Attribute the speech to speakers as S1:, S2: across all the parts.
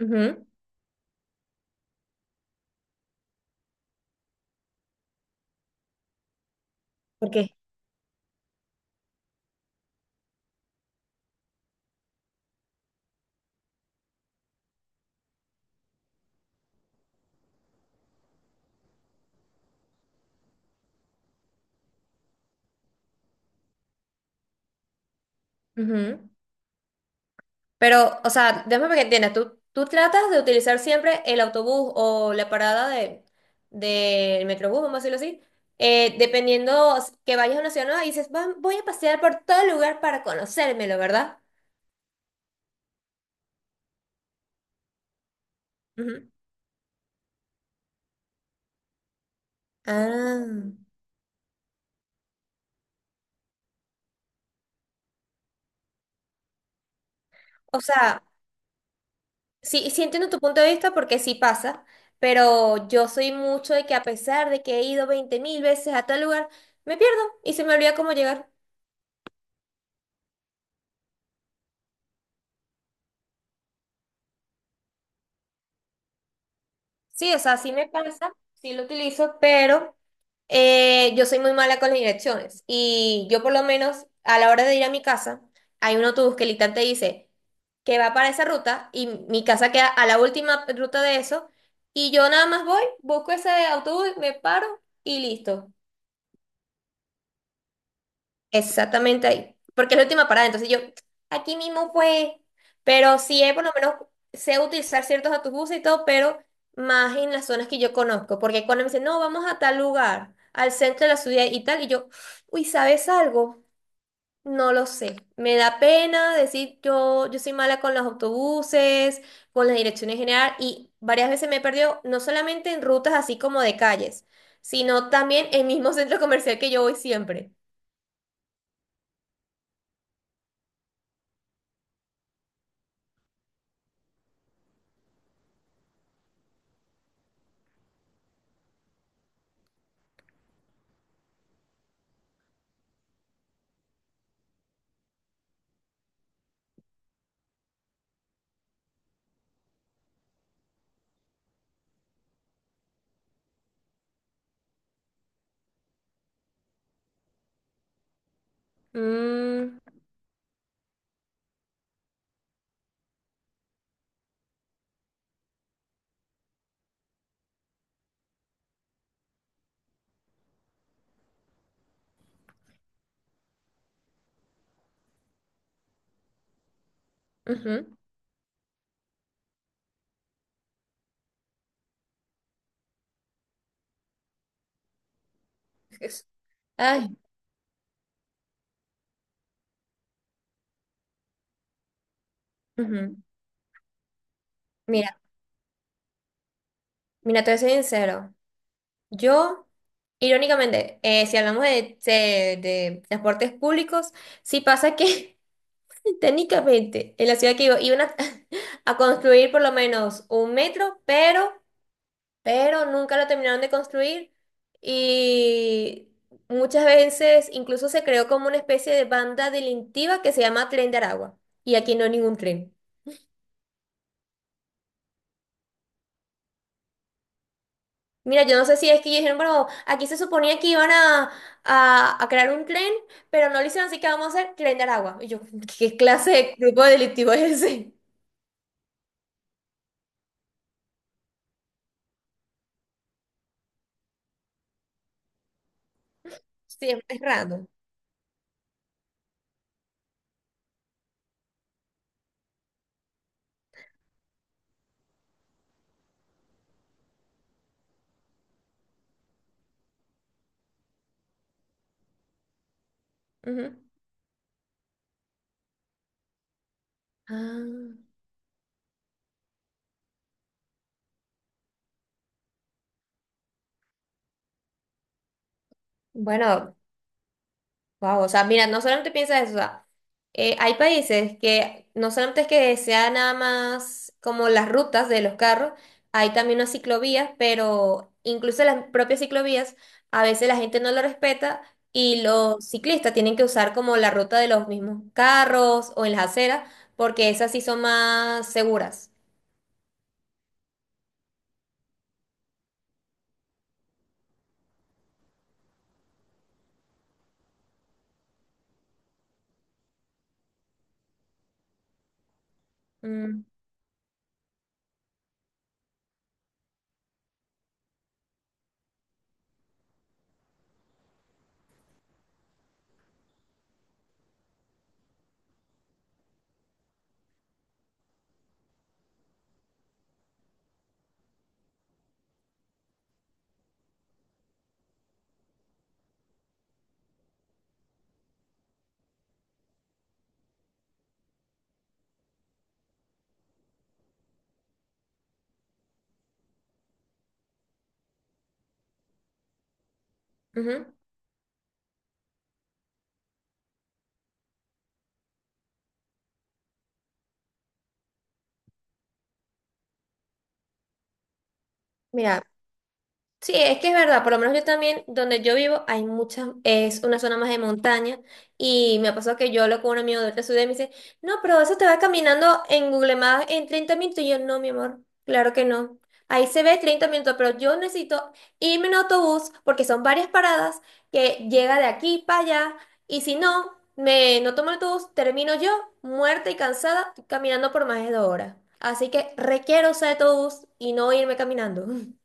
S1: Ujú. ¿Por qué? Ujú. Pero, o sea, déjame que entiendas, tú tratas de utilizar siempre el autobús o la parada del metrobús, vamos a decirlo así, dependiendo que vayas a una ciudad nueva y dices, voy a pasear por todo el lugar para conocérmelo", ¿verdad? Ujú. Ah, o sea, sí, sí entiendo tu punto de vista porque sí pasa, pero yo soy mucho de que, a pesar de que he ido 20.000 veces a tal lugar, me pierdo y se me olvida cómo llegar. Sí, o sea, sí me pasa, sí lo utilizo, pero yo soy muy mala con las direcciones. Y yo, por lo menos a la hora de ir a mi casa, hay un autobús que literalmente dice que va para esa ruta y mi casa queda a la última ruta de eso. Y yo nada más voy, busco ese autobús, me paro y listo. Exactamente ahí, porque es la última parada. Entonces yo, aquí mismo fue, pero sí, por lo menos sé utilizar ciertos autobuses y todo, pero más en las zonas que yo conozco, porque cuando me dicen, "No, vamos a tal lugar, al centro de la ciudad y tal", y yo, "Uy, ¿sabes algo? No lo sé". Me da pena decir, yo soy mala con los autobuses, con las direcciones general, y varias veces me he perdido, no solamente en rutas así como de calles, sino también en el mismo centro comercial que yo voy siempre. Mm. Ujú. Es- Ay, ujú. Mira, mira, te voy a ser sincero. Yo, irónicamente, si hablamos de transportes públicos, sí pasa que técnicamente en la ciudad que vivo iban a a construir por lo menos un metro, pero nunca lo terminaron de construir, y muchas veces incluso se creó como una especie de banda delictiva que se llama Tren de Aragua, y aquí no hay ningún tren. Mira, yo no sé si es que ellos dijeron, "Bueno, aquí se suponía que iban a crear un tren, pero no lo hicieron, así que vamos a hacer Tren de Aragua". Y yo, ¿qué clase de grupo delictivo es ese? Sí, es random. Ujú. Ah, bueno. Wow, o sea, mira, no solamente piensa eso. O sea, hay países que no solamente es que sea nada más como las rutas de los carros, hay también unas ciclovías, pero incluso las propias ciclovías, a veces la gente no lo respeta y los ciclistas tienen que usar como la ruta de los mismos carros o en las aceras, porque esas sí son más seguras. Mm, ujú. Mira. Sí, es que es verdad. Por lo menos yo también, donde yo vivo, hay muchas, es una zona más de montaña, y me pasó que yo hablo con un amigo de otra ciudad y me dice, "No, pero eso te va caminando en Google Maps en 30 minutos". Y yo, "No, mi amor, claro que no. Ahí se ve 30 minutos, pero yo necesito irme en autobús porque son varias paradas que llega de aquí para allá, y si no, me no tomo el autobús, termino yo muerta y cansada caminando por más de 2 horas. Así que requiero usar autobús y no irme caminando".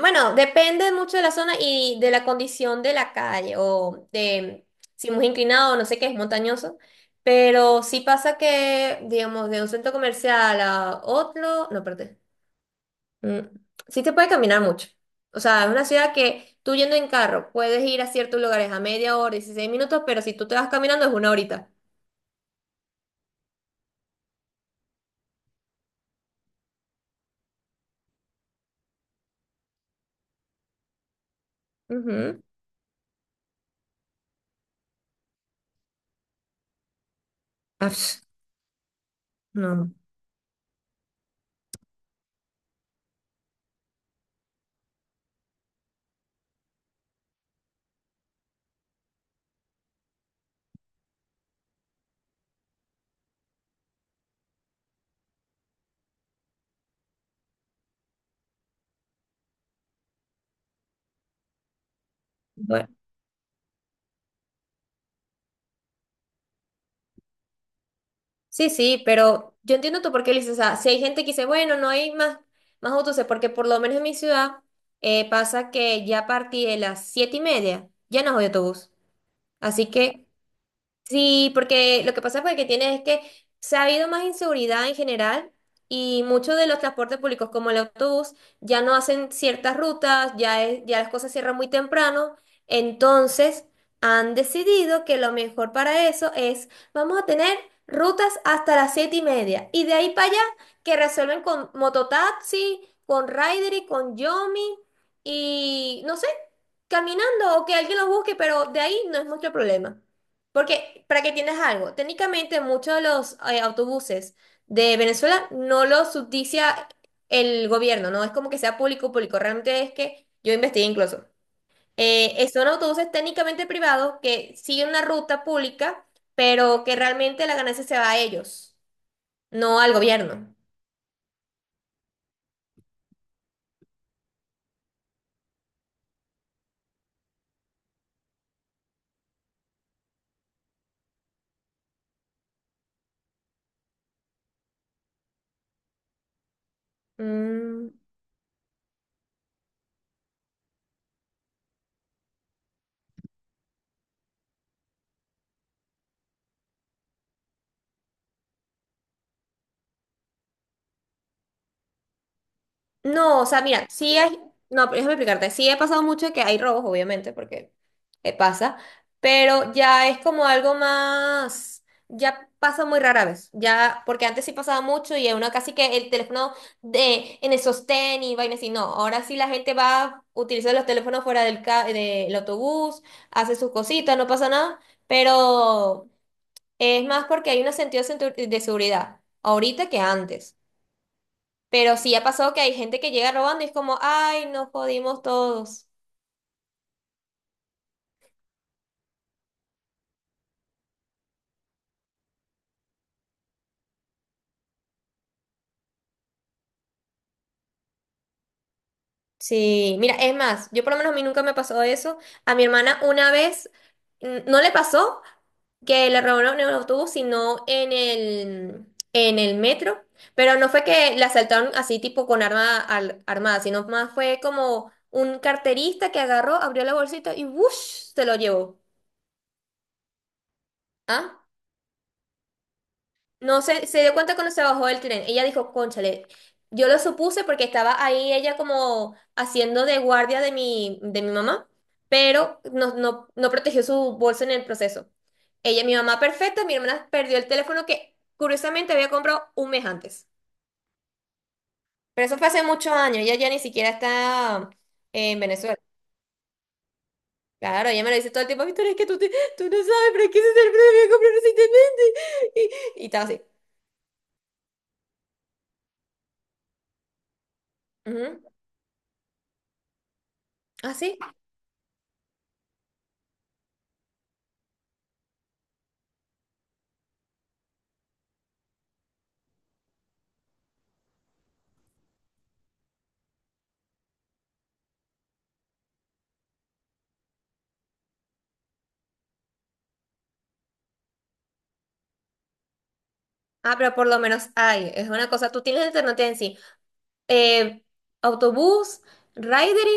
S1: Bueno, depende mucho de la zona y de la condición de la calle, o de si es muy inclinado o no sé, qué es montañoso, pero sí pasa que, digamos, de un centro comercial a otro, no, perdón, sí te puede caminar mucho. O sea, es una ciudad que tú, yendo en carro, puedes ir a ciertos lugares a media hora, 16 minutos, pero si tú te vas caminando es una horita. Ujú. Ah, pf. No. Sí, sí, pero yo entiendo tú por qué lo dices. O sea, si hay gente que dice, "Bueno, no hay más", más autobuses, porque por lo menos en mi ciudad pasa que ya a partir de las 7:30 ya no hay autobús. Así que, sí, porque lo que pasa fue que tiene es que se ha habido más inseguridad en general, y muchos de los transportes públicos como el autobús ya no hacen ciertas rutas. Ya, ya las cosas cierran muy temprano, entonces han decidido que lo mejor para eso es vamos a tener rutas hasta las 7:30, y de ahí para allá que resuelven con mototaxi, con Rider y con Yomi, y no sé, caminando o que alguien los busque, pero de ahí no es mucho problema. Porque, para que entiendas algo, técnicamente muchos de los autobuses de Venezuela no los subsidia el gobierno. No es como que sea público, público, realmente, es que yo investigué incluso. Son autobuses técnicamente privados que siguen una ruta pública, pero que realmente la ganancia se va a ellos, no al gobierno. Mm. No, o sea, mira, sí hay, no, pero déjame explicarte, sí he pasado mucho que hay robos, obviamente, porque pasa, pero ya es como algo más, ya pasa muy rara vez. Ya, porque antes sí pasaba mucho y uno casi que el teléfono de, en el sostén y vainas, y no, ahora sí la gente va, utiliza los teléfonos fuera del, del autobús, hace sus cositas, no pasa nada, pero es más porque hay un sentido de de seguridad ahorita que antes. Pero sí ha pasado que hay gente que llega robando y es como, "Ay, nos jodimos todos". Sí, mira, es más, yo por lo menos, a mí nunca me pasó eso. A mi hermana una vez, mm, no le pasó, que le robaron en el autobús, sino en el metro. Pero no fue que la asaltaron así tipo con arma armada, sino más fue como un carterista que agarró, abrió la bolsita y ¡wush!, se lo llevó. ¿Ah? No se dio cuenta cuando se bajó del tren. Ella dijo, "Cónchale". Yo lo supuse porque estaba ahí ella como haciendo de guardia de de mi mamá, pero no, no, no protegió su bolso en el proceso. Ella, mi mamá perfecta, mi hermana perdió el teléfono que curiosamente había comprado un mes antes. Pero eso fue hace muchos años, ella ya ni siquiera está en Venezuela. Claro, ella me lo dice todo el tiempo, "Victoria, es que tú, tú no sabes, pero es que ese teléfono lo había comprado recientemente". Y estaba así. Ujú. ¿Ah, sí? Ah, pero por lo menos hay, es una cosa, tú tienes alternativa en sí. Eh, autobús, Ridery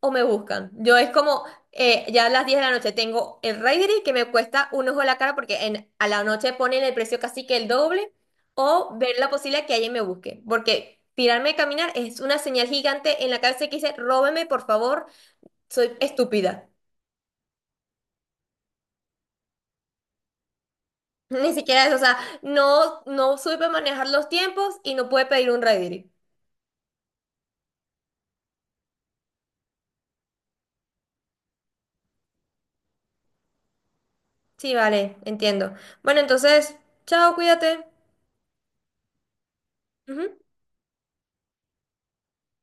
S1: o me buscan. Yo es como, ya a las 10 de la noche tengo el Ridery que me cuesta un ojo de la cara, porque en, a la noche ponen el precio casi que el doble, o ver la posibilidad que alguien me busque. Porque tirarme a caminar es una señal gigante en la cabeza que dice, "Róbeme por favor, soy estúpida". Ni siquiera eso. O sea, no, no supe manejar los tiempos y no pude pedir un Ridery. Sí, vale, entiendo. Bueno, entonces, chao, cuídate. Ujú.